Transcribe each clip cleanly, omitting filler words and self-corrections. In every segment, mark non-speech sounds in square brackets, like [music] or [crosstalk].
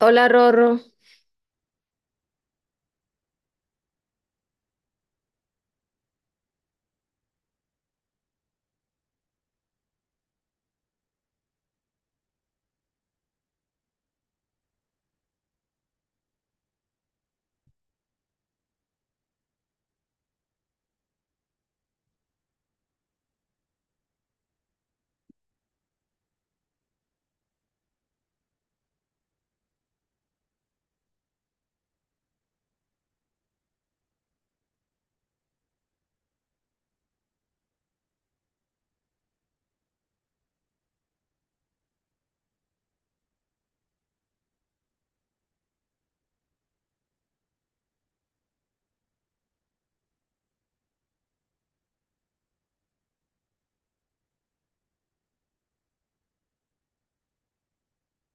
Hola, Rorro.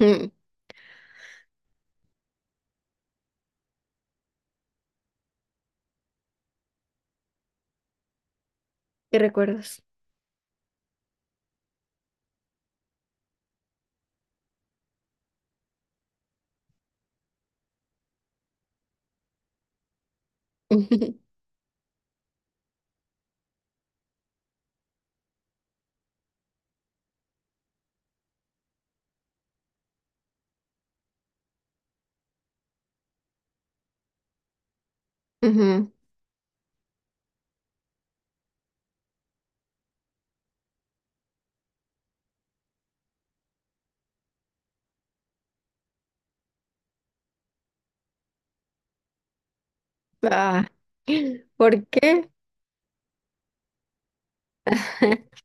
Mm, ¿Qué recuerdas? [laughs] Ujú. Ah, ¿por qué? [laughs]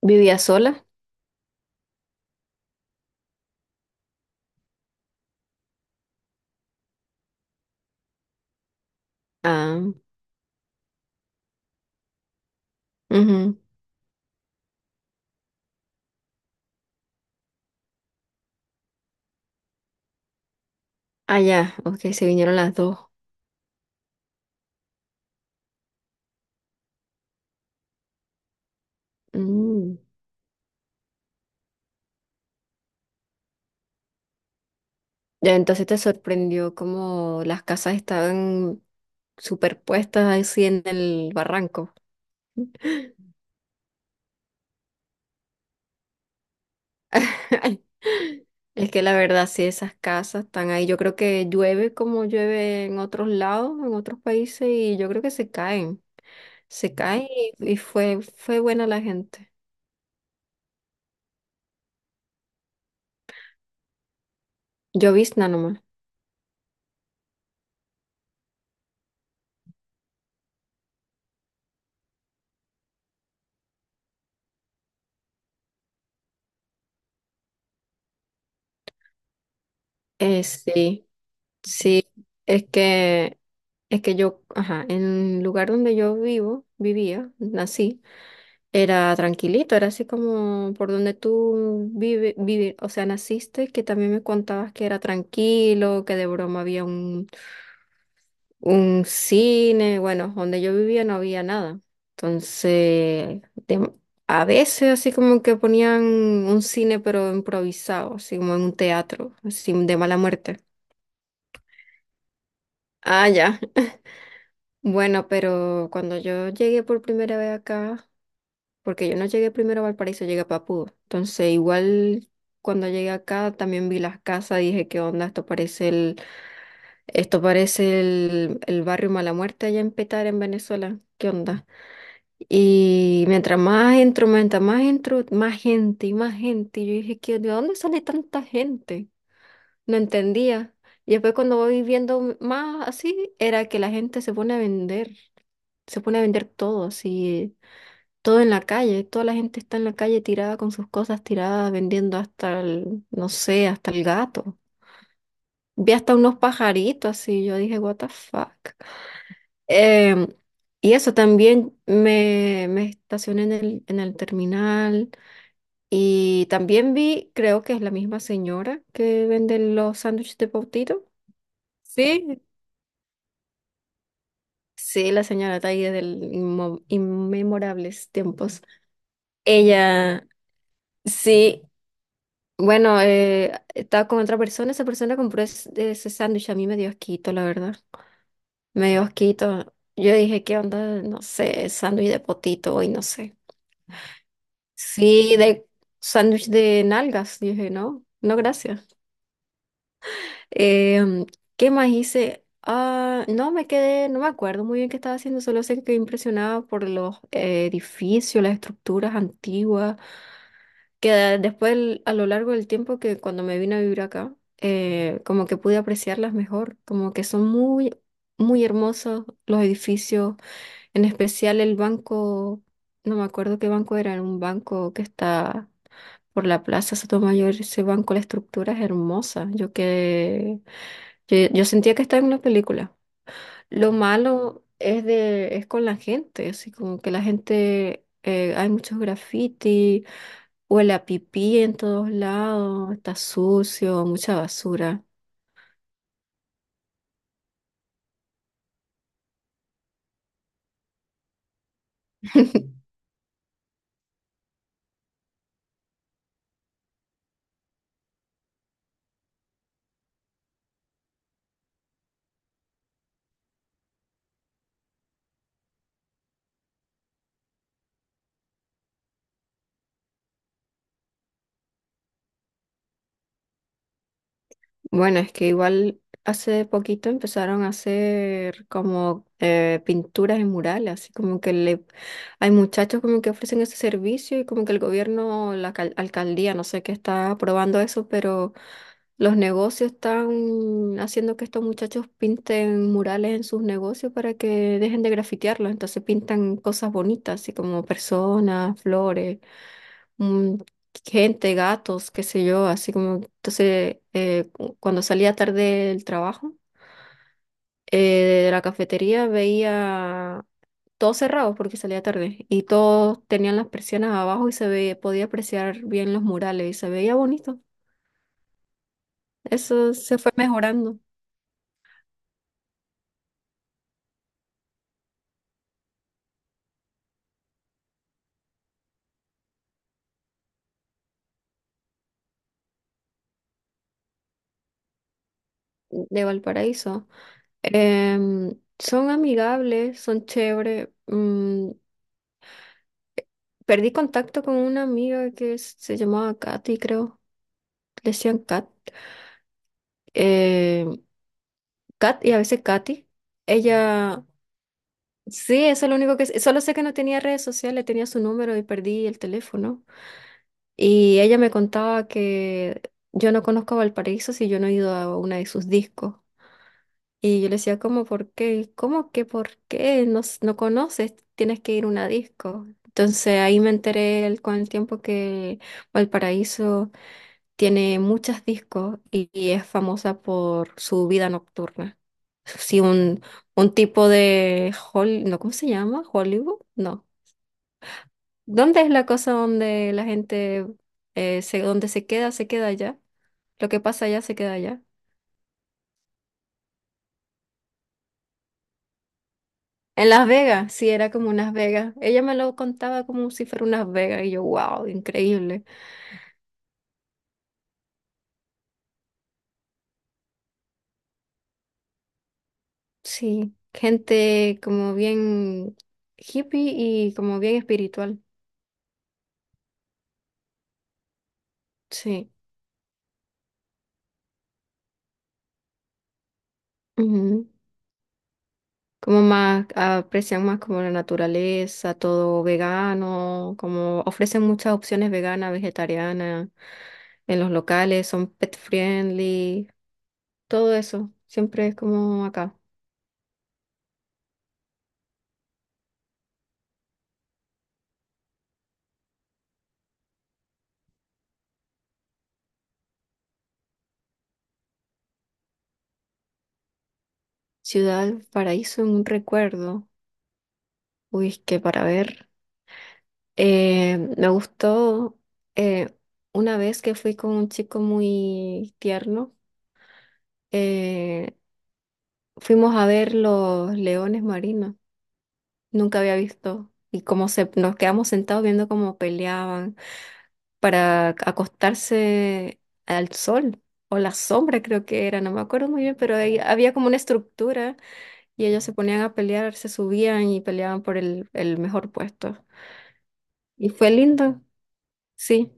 ¿Vivía sola? Ah, ujú. Ah, ya, ok, se vinieron las dos. Mm. Ya, entonces te sorprendió como las casas estaban superpuestas así en el barranco. [laughs] Es que la verdad, sí, esas casas están ahí. Yo creo que llueve como llueve en otros lados, en otros países, y yo creo que se caen. Se cae y fue, fue buena la gente. Llovizna nomás. Sí, sí. Es que, es que yo, ajá, en el lugar donde yo vivo, vivía, nací, era tranquilito, era así como por donde tú vive, vive, o sea, naciste, que también me contabas que era tranquilo, que de broma había un cine. Bueno, donde yo vivía no había nada. Entonces, a veces así como que ponían un cine pero improvisado, así como en un teatro, así de mala muerte. Ah, ya. [laughs] Bueno, pero cuando yo llegué por primera vez acá, porque yo no llegué primero a Valparaíso, llegué a Papudo. Entonces, igual cuando llegué acá también vi las casas, dije, ¿qué onda? Esto parece el barrio Mala Muerte allá en Petar, en Venezuela. ¿Qué onda? Y mientras más entro, más gente. Y yo dije, ¿de dónde sale tanta gente? No entendía. Y después cuando voy viendo más así, era que la gente se pone a vender, se pone a vender todo, así, todo en la calle. Toda la gente está en la calle tirada con sus cosas tiradas, vendiendo hasta el, no sé, hasta el gato. Vi hasta unos pajaritos así, yo dije, what the fuck. Em, y eso también me estacioné en el terminal. Y también vi, creo que es la misma señora que vende los sándwiches de pautito. Sí, sí, la señora Taide del inmemorables tiempos. Ella, sí, bueno, estaba con otra persona, esa persona compró ese sándwich, a mí me dio asquito, la verdad. Me dio asquito. Yo dije, ¿qué onda? No sé, sándwich de potito hoy, no sé. Sí, de sándwich de nalgas, dije, no, no, gracias. Em, ¿Qué más hice? Ah, no me quedé, no me acuerdo muy bien qué estaba haciendo, solo sé que quedé impresionada por los edificios, las estructuras antiguas, que a lo largo del tiempo que cuando me vine a vivir acá, como que pude apreciarlas mejor, como que son muy, muy hermosos los edificios, en especial el banco, no me acuerdo qué banco era, era un banco que está por la Plaza Sotomayor, ese banco, la estructura es hermosa, yo, yo sentía que estaba en una película. Lo malo es es con la gente, así como que la gente, hay muchos graffiti, huele a pipí en todos lados, está sucio, mucha basura. [laughs] Bueno, es que igual hace poquito empezaron a hacer como pinturas en murales, así como que hay muchachos como que ofrecen ese servicio y como que el gobierno, la alcaldía, no sé qué está aprobando eso, pero los negocios están haciendo que estos muchachos pinten murales en sus negocios para que dejen de grafitearlos. Entonces pintan cosas bonitas, así como personas, flores, mm, gente, gatos, qué sé yo, así como... Entonces, cuando salía tarde del trabajo, de la cafetería veía todo cerrado porque salía tarde y todos tenían las persianas abajo y se veía, podía apreciar bien los murales y se veía bonito. Eso se fue mejorando. De Valparaíso. Em, Son amigables, son chévere. Perdí contacto con una amiga que se llamaba Katy, creo. Le decían Kat. eh, Kat y a veces Katy. Ella, sí, eso es lo único que sé. Solo sé que no tenía redes sociales, tenía su número y perdí el teléfono. Y ella me contaba que yo no conozco a Valparaíso si yo no he ido a una de sus discos. Y yo le decía, ¿cómo por qué? ¿Cómo que por qué? No, no conoces, tienes que ir a una disco. Entonces ahí me enteré con el tiempo que Valparaíso tiene muchas discos y es famosa por su vida nocturna. Sí, un, un tipo de Hol- no, ¿cómo se llama? Hollywood, no. ¿Dónde es la cosa donde la gente donde se queda allá? Lo que pasa allá se queda allá. En Las Vegas, sí, era como unas Vegas. Ella me lo contaba como si fuera unas Vegas y yo, wow, increíble. Sí, gente como bien hippie y como bien espiritual. Sí, ujú. Como más, aprecian más como la naturaleza, todo vegano, como ofrecen muchas opciones veganas, vegetarianas en los locales, son pet friendly, todo eso. Siempre es como acá. Ciudad, paraíso, en un recuerdo. Uy, es que para ver, me gustó eh, una vez que fui con un chico muy tierno, eh, fuimos a ver los leones marinos, nunca había visto, y nos quedamos sentados viendo cómo peleaban para acostarse al sol o la sombra creo que era, no me acuerdo muy bien, pero ahí había como una estructura y ellos se ponían a pelear, se subían y peleaban por el mejor puesto. Y fue lindo, sí.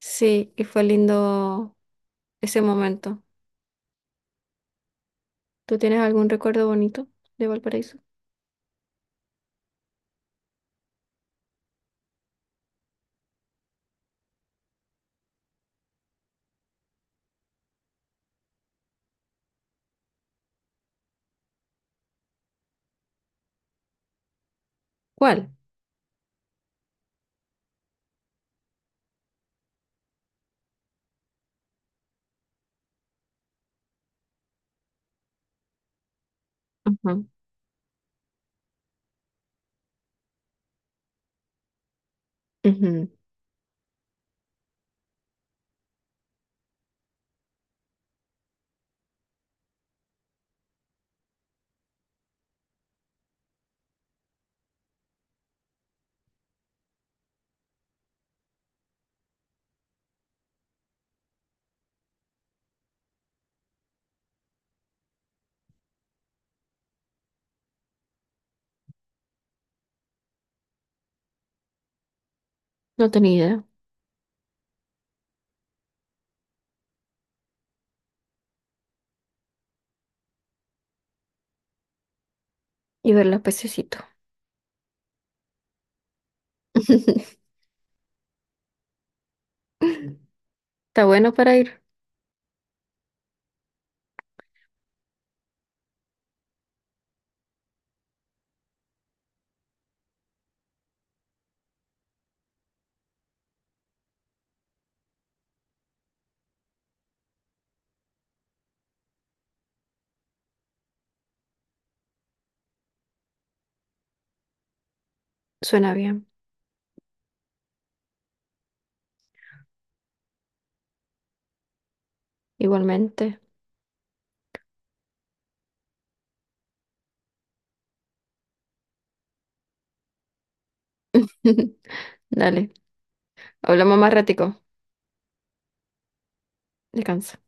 Sí, y fue lindo ese momento. ¿Tú tienes algún recuerdo bonito de Valparaíso? ¿Cuál? Ajá, ujú, no tenía idea. Y ver los pececitos. [laughs] Está bueno para ir. Suena bien. Igualmente. [laughs] Dale. Hablamos más ratico. Descansa.